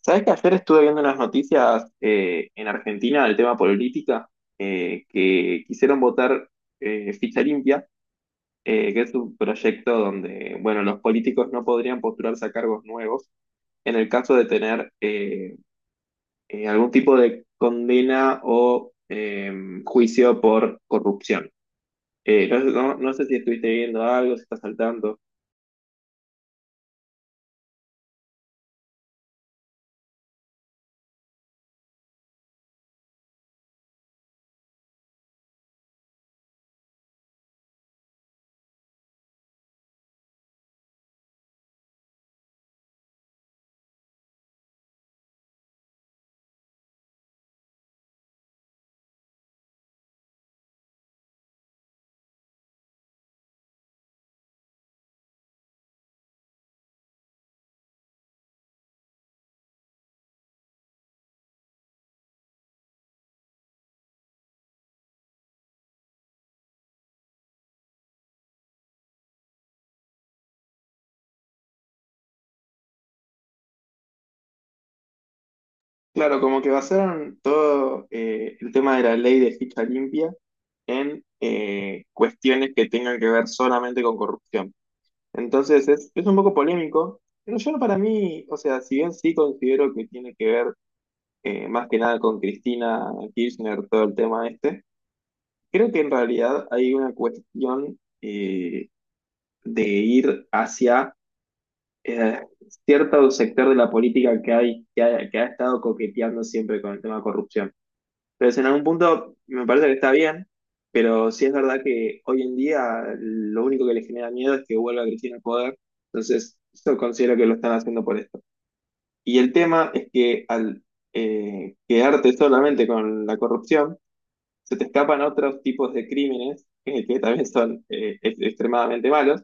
Sabes que ayer estuve viendo unas noticias en Argentina del tema política, que quisieron votar Ficha Limpia, que es un proyecto donde, bueno, los políticos no podrían postularse a cargos nuevos en el caso de tener algún tipo de condena o juicio por corrupción. No, no sé si estuviste viendo algo, si estás saltando. Claro, como que basaron todo el tema de la ley de ficha limpia en cuestiones que tengan que ver solamente con corrupción. Entonces es un poco polémico, pero yo no para mí, o sea, si bien sí considero que tiene que ver más que nada con Cristina Kirchner, todo el tema este, creo que en realidad hay una cuestión de ir hacia eh, cierto sector de la política que, hay, que ha estado coqueteando siempre con el tema de corrupción. Entonces, en algún punto me parece que está bien, pero sí es verdad que hoy en día lo único que le genera miedo es que vuelva Cristina al poder. Entonces, yo considero que lo están haciendo por esto. Y el tema es que al quedarte solamente con la corrupción, se te escapan otros tipos de crímenes que también son extremadamente malos,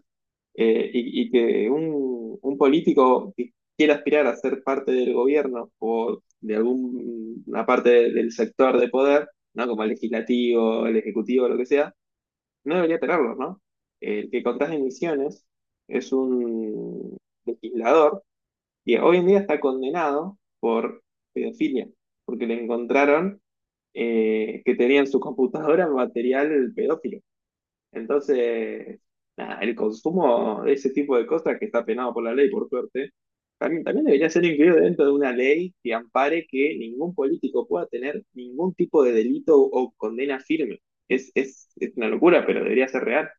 y que un político que quiera aspirar a ser parte del gobierno o de alguna parte del sector de poder, ¿no? Como el legislativo, el ejecutivo, lo que sea, no debería tenerlo, ¿no? El que contrae emisiones es un legislador que hoy en día está condenado por pedofilia, porque le encontraron que tenía en su computadora material pedófilo. Entonces, nada, el consumo de ese tipo de cosas que está penado por la ley, por suerte, también debería ser incluido dentro de una ley que ampare que ningún político pueda tener ningún tipo de delito o condena firme. Es una locura, pero debería ser real.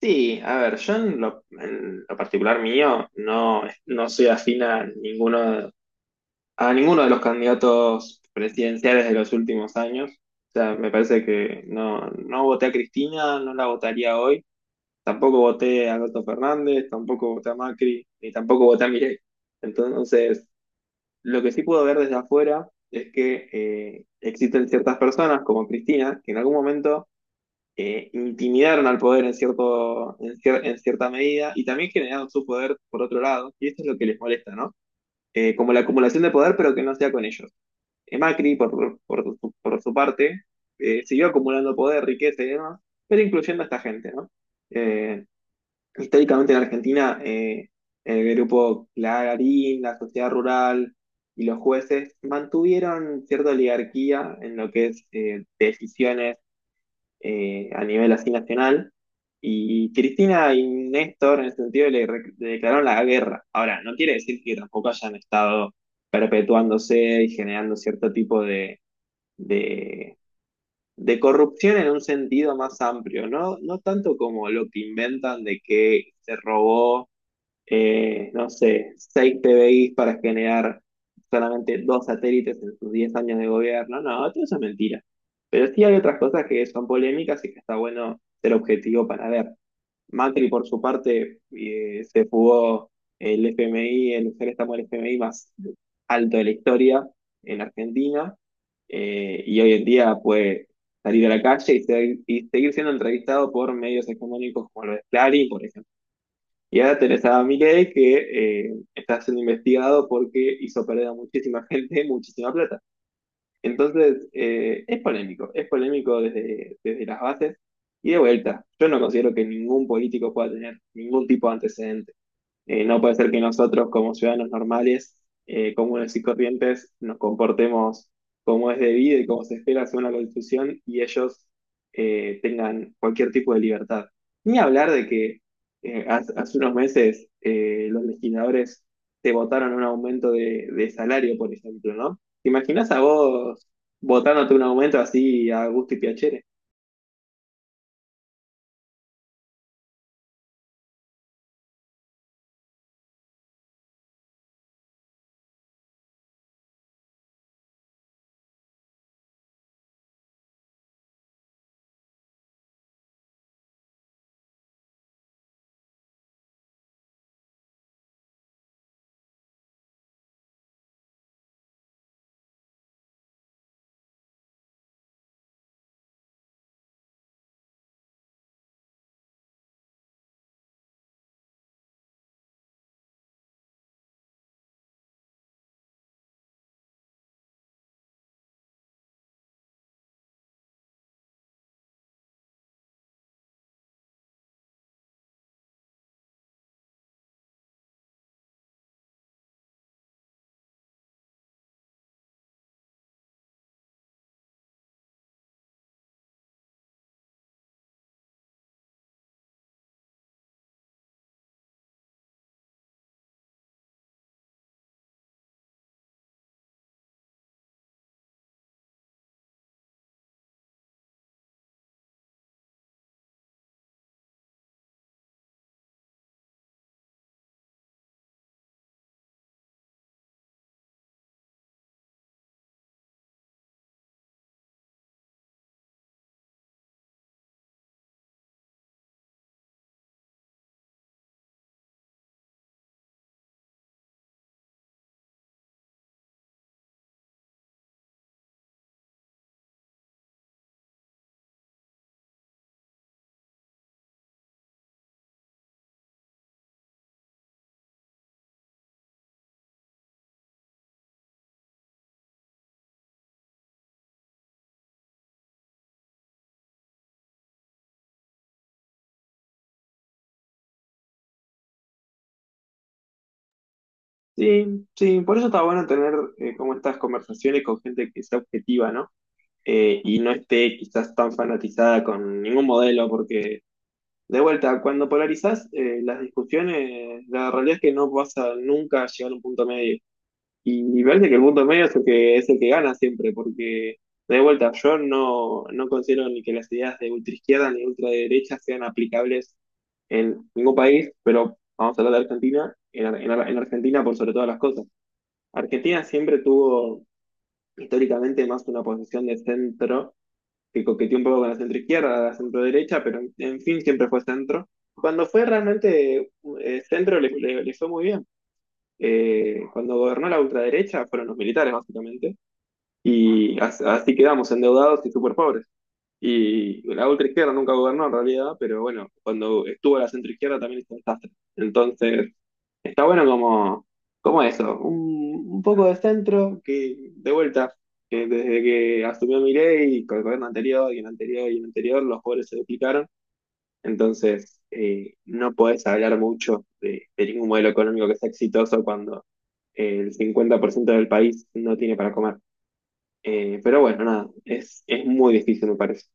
Sí, a ver, yo en lo particular mío no soy afín a ninguno de los candidatos presidenciales de los últimos años. O sea, me parece que no voté a Cristina, no la votaría hoy. Tampoco voté a Alberto Fernández, tampoco voté a Macri, ni tampoco voté a Milei. Entonces, lo que sí puedo ver desde afuera es que existen ciertas personas como Cristina que en algún momento intimidaron al poder en cierta medida y también generaron su poder por otro lado, y esto es lo que les molesta, ¿no? Como la acumulación de poder, pero que no sea con ellos. Macri, por su parte, siguió acumulando poder, riqueza y demás, pero incluyendo a esta gente, ¿no? Eh, Históricamente en Argentina, el grupo Clarín, la sociedad rural y los jueces mantuvieron cierta oligarquía en lo que es decisiones a nivel así nacional. Y Cristina y Néstor, en el sentido, le declararon la guerra. Ahora, no quiere decir que tampoco hayan estado perpetuándose y generando cierto tipo de, de corrupción en un sentido más amplio, ¿no? No tanto como lo que inventan de que se robó no sé, 6 PBIs para generar solamente dos satélites en sus 10 años de gobierno. No, todo eso es mentira. Pero sí hay otras cosas que son polémicas y que está bueno ser objetivo para ver. Macri, por su parte, se fugó el FMI, el préstamo del FMI más alto de la historia en Argentina, y hoy en día puede salir a la calle y seguir siendo entrevistado por medios económicos como los de Clarín, por ejemplo. Y ahora tenés a Milei que está siendo investigado porque hizo perder a muchísima gente muchísima plata. Entonces, es polémico desde las bases. Y de vuelta, yo no considero que ningún político pueda tener ningún tipo de antecedente. No puede ser que nosotros, como ciudadanos normales, comunes y corrientes, nos comportemos como es debido y como se espera según la Constitución y ellos tengan cualquier tipo de libertad. Ni hablar de que hace unos meses los legisladores te votaron un aumento de salario, por ejemplo, ¿no? ¿Te imaginas a vos votándote un aumento así a gusto y piacere? Sí, sí, por eso está bueno tener como estas conversaciones con gente que sea objetiva, ¿no? Y no esté quizás tan fanatizada con ningún modelo, porque de vuelta, cuando polarizás las discusiones, la realidad es que no vas a nunca llegar a un punto medio. Y parece que el punto medio es el que gana siempre, porque de vuelta, yo no considero ni que las ideas de ultraizquierda ni ultraderecha sean aplicables en ningún país, pero vamos a hablar de Argentina, en Argentina por sobre todas las cosas. Argentina siempre tuvo históricamente más una posición de centro que coqueteó un poco con la centro izquierda, la centro derecha, pero en fin, siempre fue centro. Cuando fue realmente centro le fue muy bien. Cuando gobernó la ultraderecha fueron los militares, básicamente, y así quedamos endeudados y súper pobres. Y la ultraizquierda nunca gobernó en realidad, pero bueno, cuando estuvo la centroizquierda también hizo un desastre. Entonces, está bueno como eso, un poco de centro que, de vuelta, que desde que asumió Milei y con el gobierno anterior y el anterior y el anterior, los pobres se duplicaron. Entonces, no podés hablar mucho de ningún modelo económico que sea exitoso cuando el 50% del país no tiene para comer. Pero bueno, nada, es muy difícil, me parece.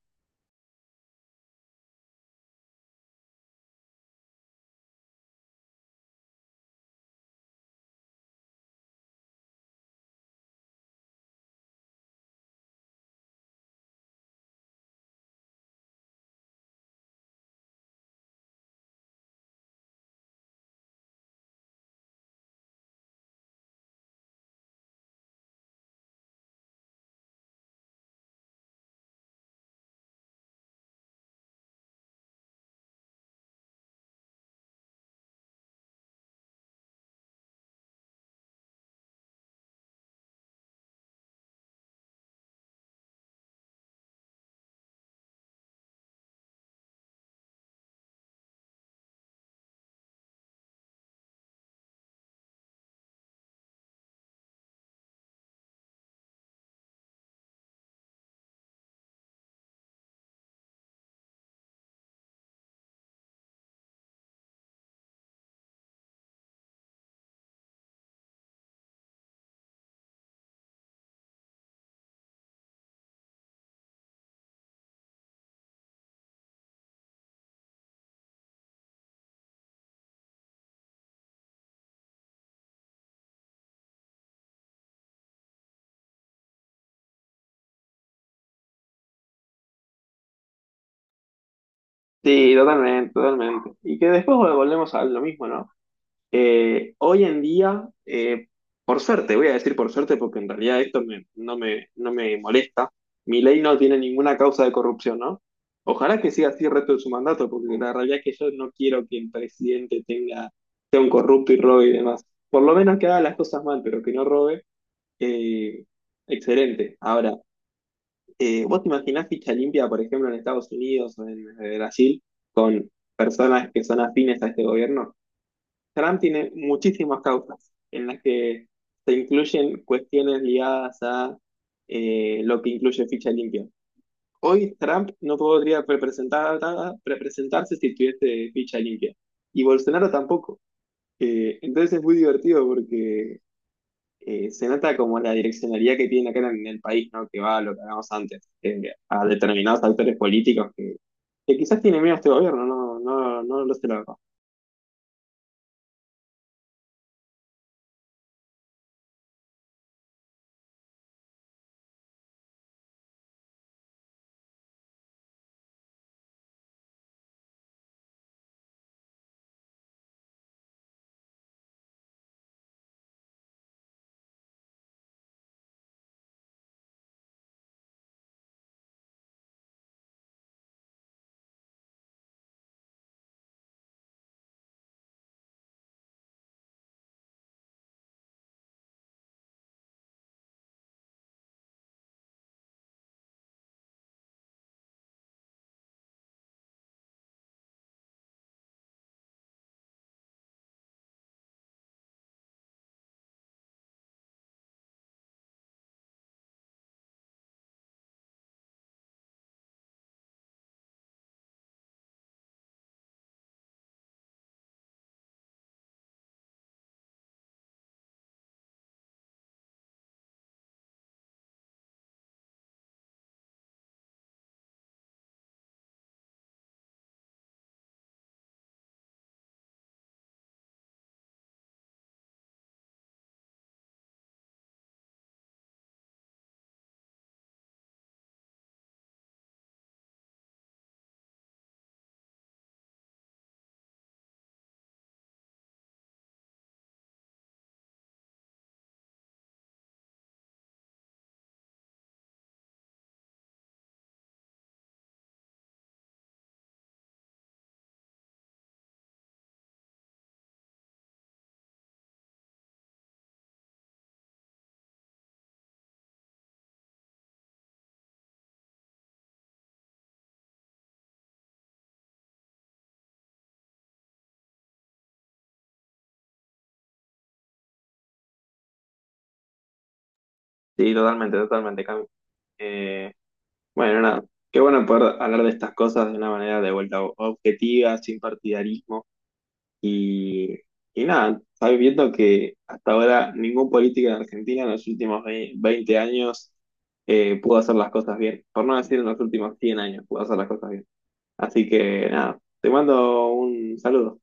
Sí, totalmente, totalmente. Y que después volvemos a lo mismo, ¿no? Hoy en día, por suerte, voy a decir por suerte porque en realidad esto no me molesta, mi ley no tiene ninguna causa de corrupción, ¿no? Ojalá que siga así el resto de su mandato, porque la realidad es que yo no quiero que el presidente tenga, sea un corrupto y robe y demás. Por lo menos que haga las cosas mal, pero que no robe, eh, excelente. Ahora, ¿vos te imaginás ficha limpia, por ejemplo, en Estados Unidos o en Brasil, personas que son afines a este gobierno? Trump tiene muchísimas causas en las que se incluyen cuestiones ligadas a lo que incluye ficha limpia. Hoy Trump no podría representarse si tuviese ficha limpia. Y Bolsonaro tampoco. Entonces es muy divertido porque se nota como la direccionalidad que tiene acá en el país, ¿no? Que va a lo que hablábamos antes, a determinados actores políticos que quizás tienen miedo a este gobierno, no lo sé la verdad. Sí, totalmente, totalmente, Cami. Eh, Bueno, nada, qué bueno poder hablar de estas cosas de una manera de vuelta objetiva, sin partidarismo y, y nada, sabes viendo que hasta ahora ningún político en Argentina en los últimos 20 años pudo hacer las cosas bien, por no decir en los últimos 100 años pudo hacer las cosas bien. Así que nada, te mando un saludo.